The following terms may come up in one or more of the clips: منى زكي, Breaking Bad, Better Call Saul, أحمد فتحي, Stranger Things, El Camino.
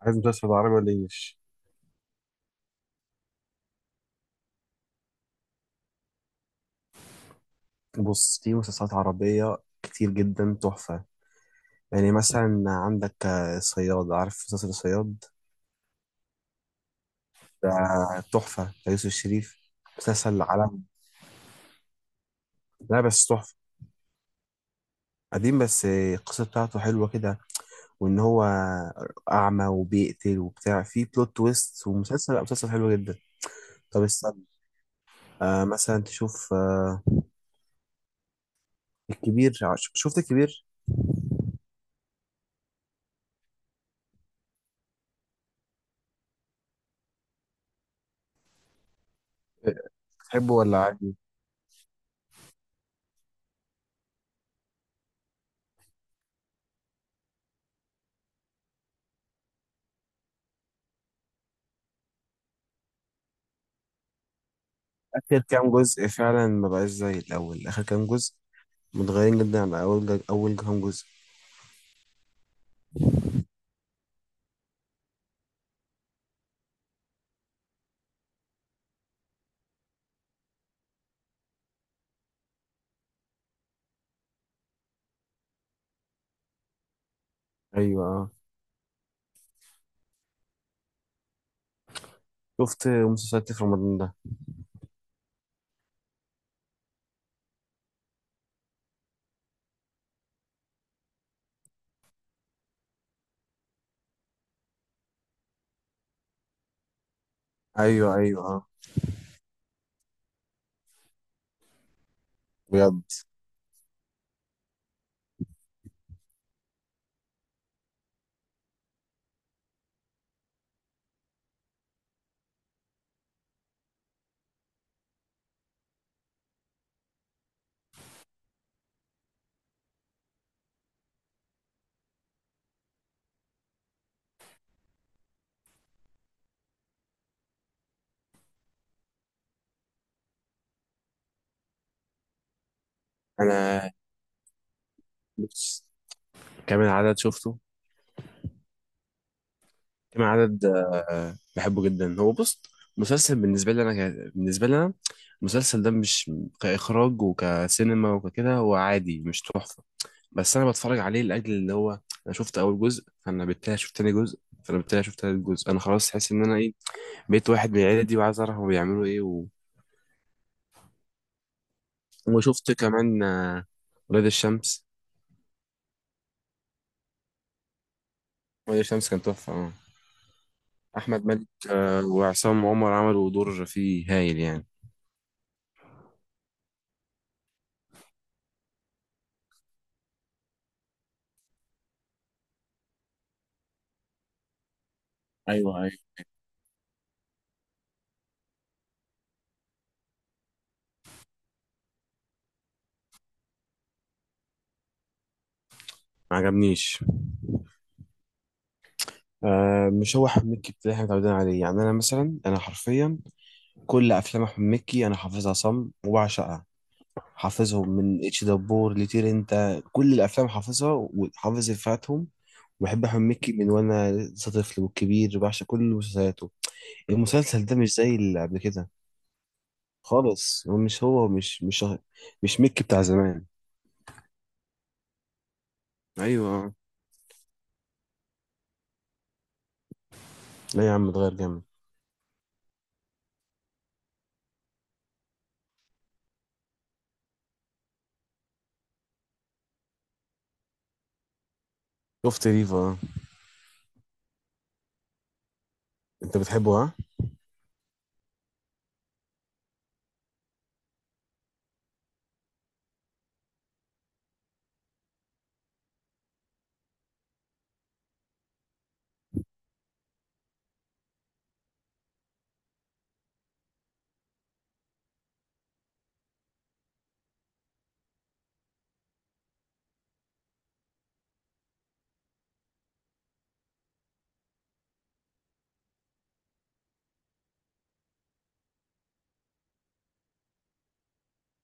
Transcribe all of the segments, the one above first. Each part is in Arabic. عايز مسلسل عربي ولا انجلش؟ بص، في مسلسلات عربية كتير جدا تحفة. يعني مثلا عندك صياد. عارف مسلسل صياد؟ ده تحفة بتاع يوسف الشريف. مسلسل عالمي، لا بس تحفة. قديم بس القصة بتاعته حلوة كده، وإن هو أعمى وبيقتل وبتاع، في بلوت تويست، ومسلسل، لا، مسلسل حلو جدا. طب استنى. مثلا تشوف الكبير. شفت الكبير؟ تحبه ولا عادي؟ آخر كام جزء فعلا ما بقاش زي الأول، آخر كام جزء متغيرين جدا عن اول اول كام جزء. ايوه، اه. شفت مسلسلات في رمضان ده؟ ايوه، ايوه، اه، بجد. انا بص، كام العدد شفته؟ كام العدد، بحبه جدا. هو بص، مسلسل بالنسبه لي انا، المسلسل ده مش، كاخراج وكسينما وككده، هو عادي مش تحفه. بس انا بتفرج عليه لاجل اللي هو، انا شفت اول جزء، فانا بالتالي شفت تاني جزء، فانا بالتالي شفت تالت جزء، انا خلاص حاسس ان انا ايه، بقيت واحد من العيله دي وعايز اعرف هما بيعملوا ايه و... وشفت كمان ولاد الشمس. ولاد الشمس كان تحفة، اه. أحمد مالك وعصام عمر عملوا دور فيه هايل يعني. ايوه ايوه. ما عجبنيش. مش هو أحمد مكي اللي احنا متعودين عليه. يعني أنا مثلا أنا حرفيا كل أفلام أحمد مكي أنا حافظها صم وبعشقها. حافظهم من اتش دبور لطير انت، كل الأفلام حافظها وحافظ إفيهاتهم. بحب أحمد مكي من وأنا لسه طفل، والكبير بعشق كل مسلسلاته. المسلسل ده مش زي اللي قبل كده خالص. هو مش مش ميكي بتاع زمان. ايوه. لا يا عم اتغير جامد. شفت ريفو، اه. انت بتحبه، ها؟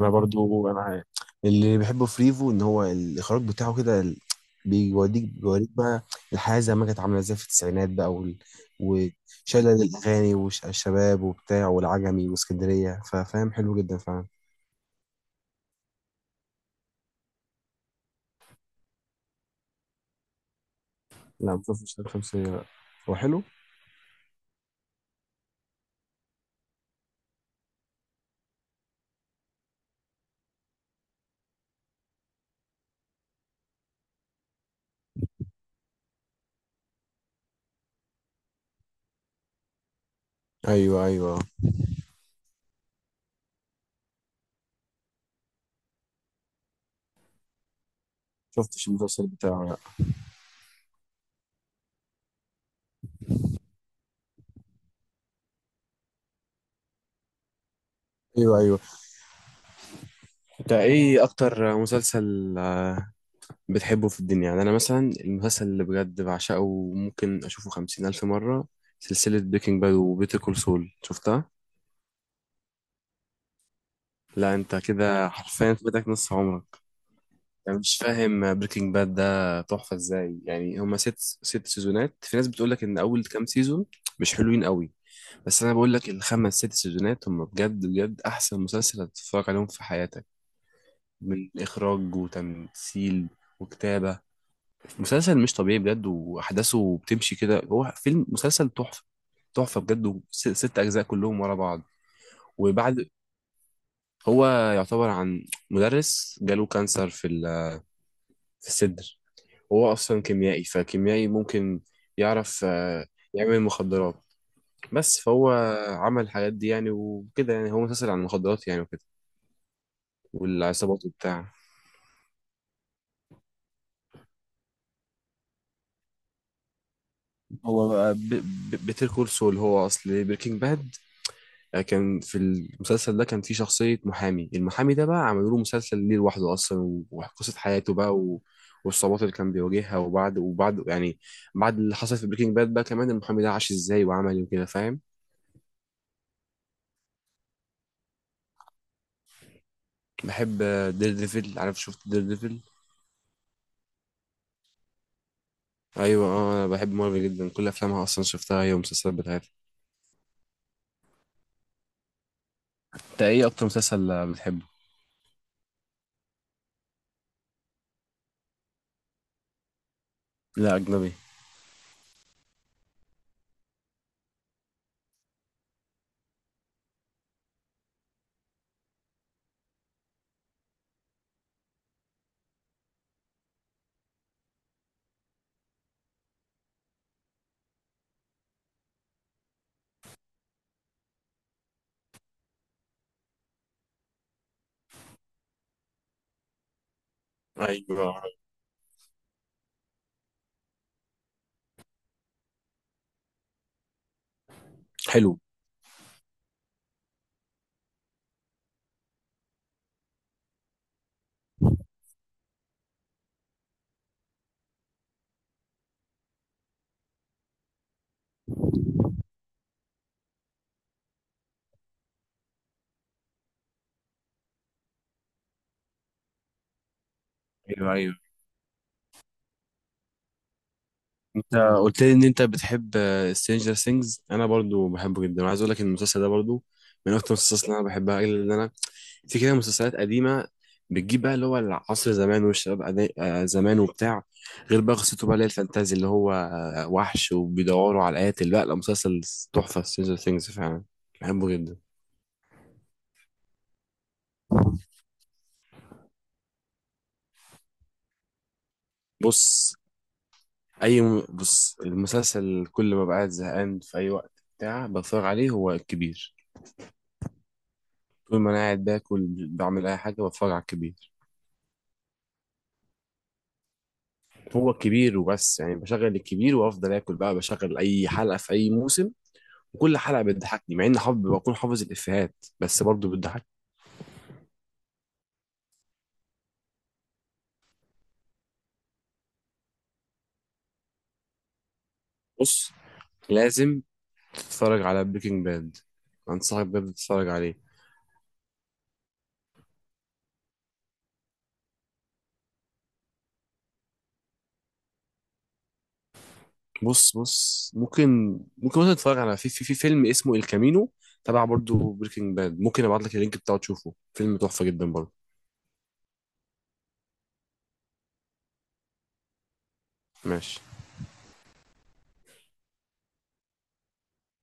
انا برضو انا عارف. اللي بحبه في ريفو ان هو الاخراج بتاعه كده، بيوديك بيوريك بقى الحياه زي ما كانت عامله ازاي في التسعينات بقى، وشلل الاغاني والشباب وبتاع والعجمي واسكندريه، ففاهم حلو جدا فعلا. لا ما شفتش شمس الشمسية، لا. هو حلو؟ ايوه ايوه. شفتش المسلسل بتاعه، لا. ايوه ايوه. انت ايه اكتر مسلسل بتحبه في الدنيا؟ يعني أنا مثلا المسلسل اللي بجد بعشقه وممكن أشوفه خمسين ألف مرة، سلسلة بريكنج باد وبيتر كول سول. شفتها؟ لا أنت كده حرفيا فاتك نص عمرك. يعني مش فاهم بريكنج باد ده تحفة إزاي. يعني هما ست سيزونات، في ناس بتقولك إن أول كام سيزون مش حلوين قوي. بس أنا بقولك الخمس ست سيزونات هما بجد بجد أحسن مسلسل هتتفرج عليهم في حياتك، من إخراج وتمثيل وكتابة. مسلسل مش طبيعي بجد، واحداثه بتمشي كده، هو فيلم مسلسل تحفه. تحفه بجد. ست اجزاء كلهم ورا بعض. وبعد، هو يعتبر عن مدرس جاله كانسر في في الصدر. وهو اصلا كيميائي فكيميائي ممكن يعرف يعمل مخدرات. بس فهو عمل الحاجات دي يعني وكده. يعني هو مسلسل عن المخدرات يعني وكده، والعصابات وبتاع. هو بيتر كول سول هو اصل بريكنج باد. كان في المسلسل ده كان في شخصية محامي، المحامي ده بقى عملوا له مسلسل ليه لوحده أصلا، وقصة حياته بقى و... والصعوبات اللي كان بيواجهها. وبعد يعني، بعد اللي حصل في بريكنج باد بقى كمان، المحامي ده عاش ازاي وعمل ايه وكده، فاهم؟ بحب دير ديفل. عارف؟ شفت دير ديفل؟ ايوه، اه. انا بحب مارفل جدا، كل افلامها اصلا شفتها هي والمسلسلات بتاعتها. انت ايه اكتر مسلسل بتحبه؟ لا اجنبي. ايوه حلو. ايوه ايوه. قلت لي ان انت بتحب سترينجر ثينجز. انا برضو بحبه جدا، وعايز اقول لك ان المسلسل ده برضو من اكتر المسلسلات اللي انا بحبها، الا ان انا في كده مسلسلات قديمه بتجيب بقى اللي هو العصر زمان والشباب زمان وبتاع، غير بقى قصته بقى اللي هي الفانتازي اللي هو وحش وبيدوروا على القاتل. لا لا، مسلسل تحفه سترينجر ثينجز فعلا، بحبه جدا. بص بص المسلسل كل ما بقعد زهقان في اي وقت بتاع بتفرج عليه، هو الكبير. طول ما انا قاعد باكل بعمل اي حاجه بتفرج على الكبير. هو الكبير وبس. يعني بشغل الكبير وافضل اكل، بقى بشغل اي حلقه في اي موسم، وكل حلقه بتضحكني مع اني حافظ، بكون حافظ الافيهات، بس برضه بتضحكني. بص لازم تتفرج على بريكنج باد، انصحك بجد تتفرج عليه. بص ممكن، مثلا تتفرج على، في فيلم اسمه الكامينو، تبع برضه بريكنج باد. ممكن ابعت لك اللينك بتاعه تشوفه، فيلم تحفه جدا برضه. ماشي.